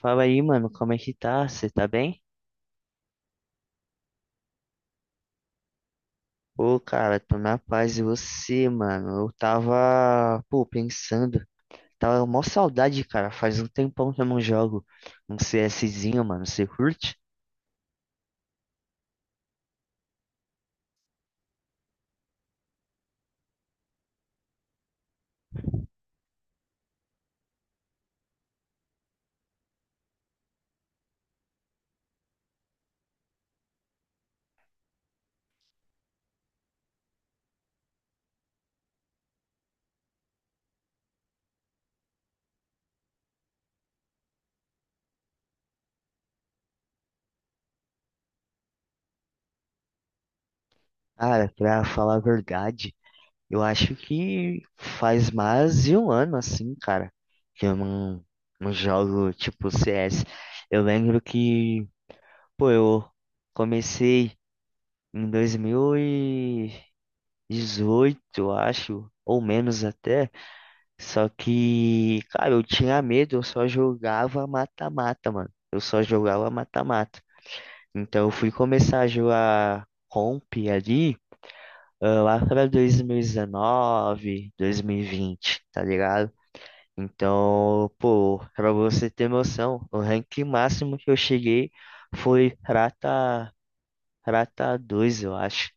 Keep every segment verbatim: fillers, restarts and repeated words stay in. Fala aí, mano, como é que tá? Você tá bem? Pô, cara, tô na paz e você, mano? Eu tava, pô, pensando. Tava mó saudade, cara. Faz um tempão que eu não jogo um CSzinho, mano. Você curte? Cara, pra falar a verdade, eu acho que faz mais de um ano, assim, cara, que eu não, não jogo, tipo, C S. Eu lembro que, pô, eu comecei em dois mil e dezoito acho, ou menos até. Só que, cara, eu tinha medo, eu só jogava mata-mata, mano. Eu só jogava mata-mata. Então eu fui começar a jogar comp ali, ah, lá pra dois mil e dezenove, dois mil e vinte, tá ligado? Então, pô, pra você ter noção, o rank máximo que eu cheguei foi prata, prata dois eu acho.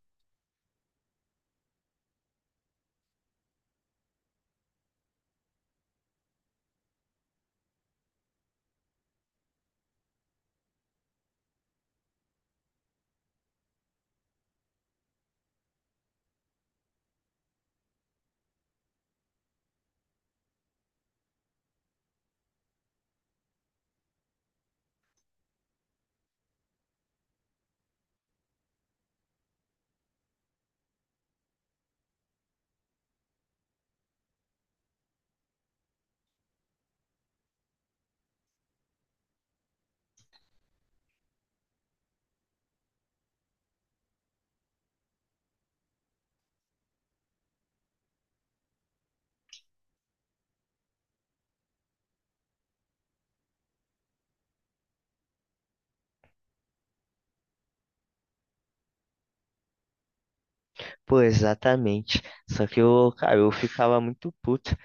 Pô, exatamente. Só que eu, cara, eu ficava muito puto.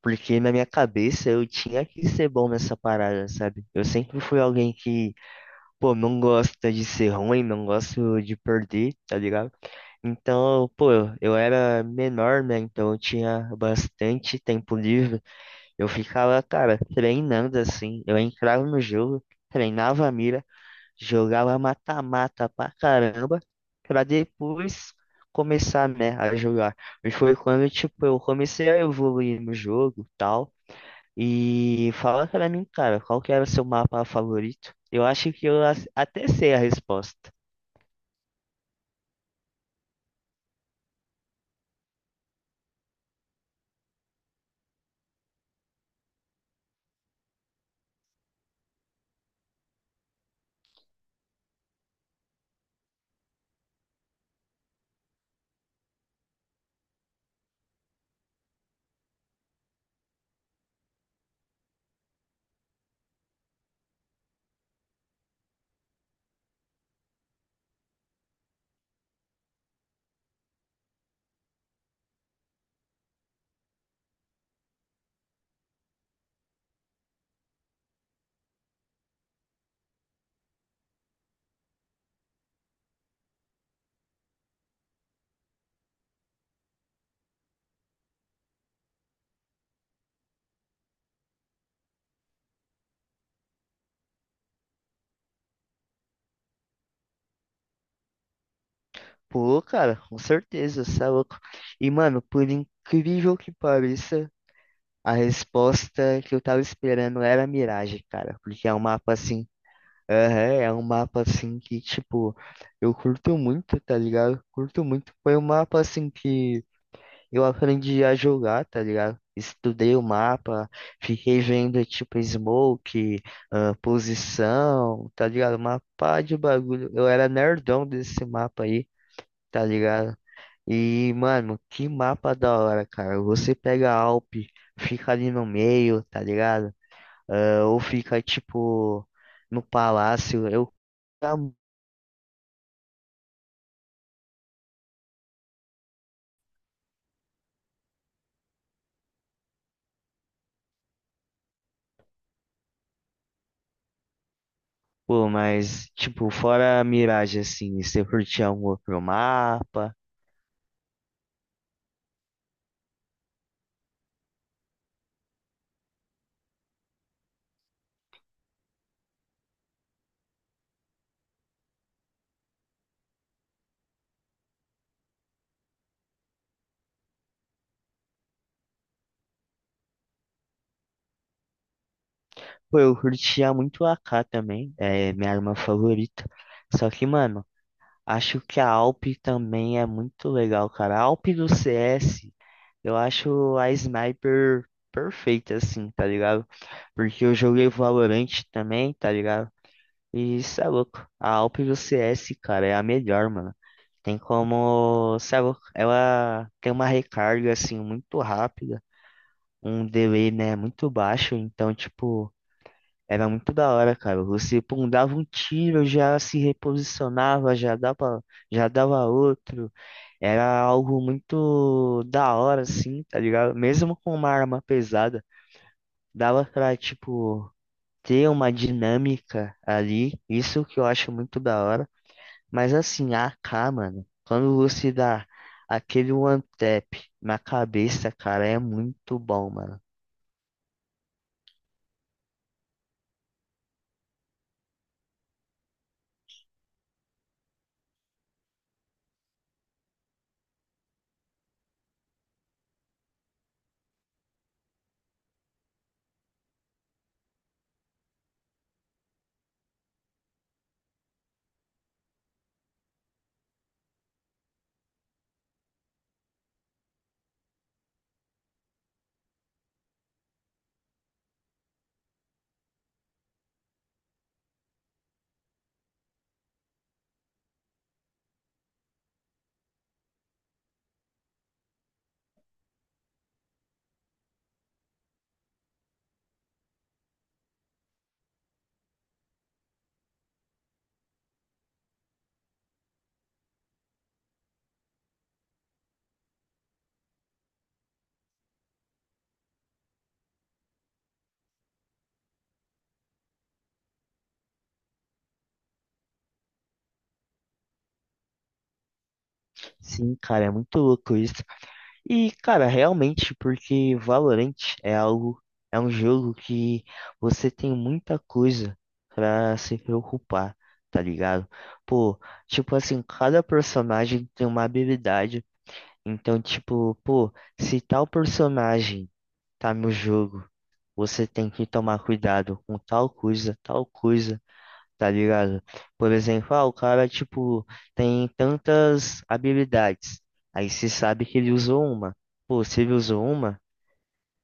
Porque na minha cabeça eu tinha que ser bom nessa parada, sabe? Eu sempre fui alguém que, pô, não gosta de ser ruim, não gosto de perder, tá ligado? Então, pô, eu era menor, né? Então eu tinha bastante tempo livre. Eu ficava, cara, treinando assim. Eu entrava no jogo, treinava a mira, jogava mata-mata pra caramba, pra depois começar, né, a jogar. E foi quando, tipo, eu comecei a evoluir no jogo, tal. E fala pra mim, cara, qual que era o seu mapa favorito? Eu acho que eu as- até sei a resposta. Pô, cara, com certeza, você é louco. E, mano, por incrível que pareça, a resposta que eu tava esperando era Mirage, cara. Porque é um mapa assim. Aham, é um mapa assim que, tipo, eu curto muito, tá ligado? Curto muito. Foi um mapa assim que eu aprendi a jogar, tá ligado? Estudei o mapa, fiquei vendo tipo smoke, ah, posição, tá ligado? Uma pá de bagulho. Eu era nerdão desse mapa aí, tá ligado? E, mano, que mapa da hora, cara. Você pega a Alp, fica ali no meio, tá ligado? Ah, ou fica tipo no palácio. Eu pô, mas tipo, fora a miragem assim, você curtia um outro mapa. Pô, eu curtia muito a AK também, é minha arma favorita. Só que, mano, acho que a Alp também é muito legal, cara. A Alp do C S, eu acho a sniper perfeita, assim, tá ligado? Porque eu joguei Valorant também, tá ligado? E isso é louco. A Alp do C S, cara, é a melhor, mano. Tem como, cê é louco, ela tem uma recarga, assim, muito rápida, um delay, né, muito baixo, então, tipo. Era muito da hora, cara. Você, pum, dava um tiro, já se reposicionava, já dava, já dava outro. Era algo muito da hora, assim, tá ligado? Mesmo com uma arma pesada, dava pra, tipo, ter uma dinâmica ali. Isso que eu acho muito da hora. Mas, assim, a AK, mano, quando você dá aquele one tap na cabeça, cara, é muito bom, mano. Sim, cara, é muito louco isso. E, cara, realmente, porque Valorant é algo, é um jogo que você tem muita coisa pra se preocupar, tá ligado? Pô, tipo assim, cada personagem tem uma habilidade. Então, tipo, pô, se tal personagem tá no jogo, você tem que tomar cuidado com tal coisa, tal coisa, tá ligado? Por exemplo, ah, o cara, tipo, tem tantas habilidades. Aí se sabe que ele usou uma. Pô, se ele usou uma,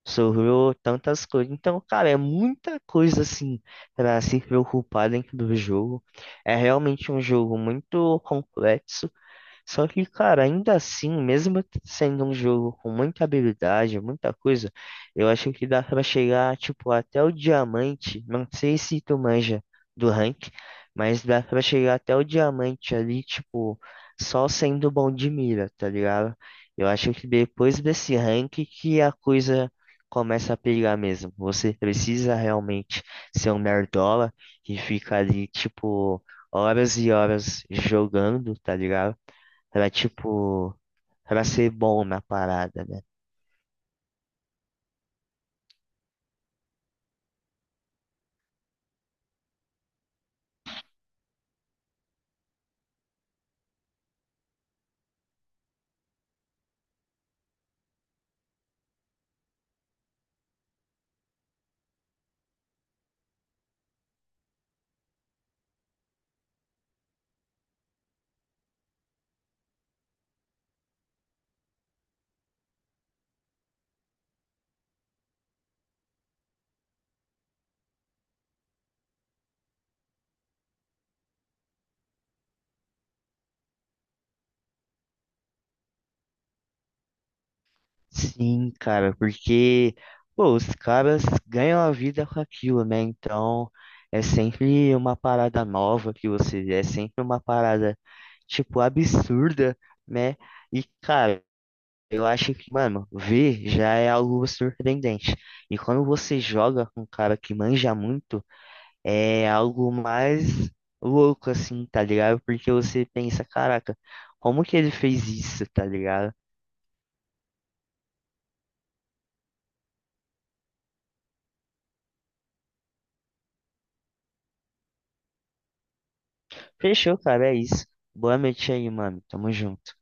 sobrou tantas coisas. Então, cara, é muita coisa, assim, pra se preocupar dentro do jogo. É realmente um jogo muito complexo. Só que, cara, ainda assim, mesmo sendo um jogo com muita habilidade, muita coisa, eu acho que dá pra chegar, tipo, até o diamante. Não sei se tu manja do rank, mas dá pra chegar até o diamante ali, tipo, só sendo bom de mira, tá ligado? Eu acho que depois desse rank que a coisa começa a pegar mesmo. Você precisa realmente ser um nerdola que fica ali, tipo, horas e horas jogando, tá ligado? Pra, tipo, pra ser bom na parada, né? Sim, cara, porque, pô, os caras ganham a vida com aquilo, né? Então, é sempre uma parada nova que você vê, é sempre uma parada, tipo, absurda, né? E, cara, eu acho que, mano, ver já é algo surpreendente. E quando você joga com um cara que manja muito, é algo mais louco, assim, tá ligado? Porque você pensa, caraca, como que ele fez isso, tá ligado? Fechou, cara, é isso. Boa noite aí, mano. Tamo junto.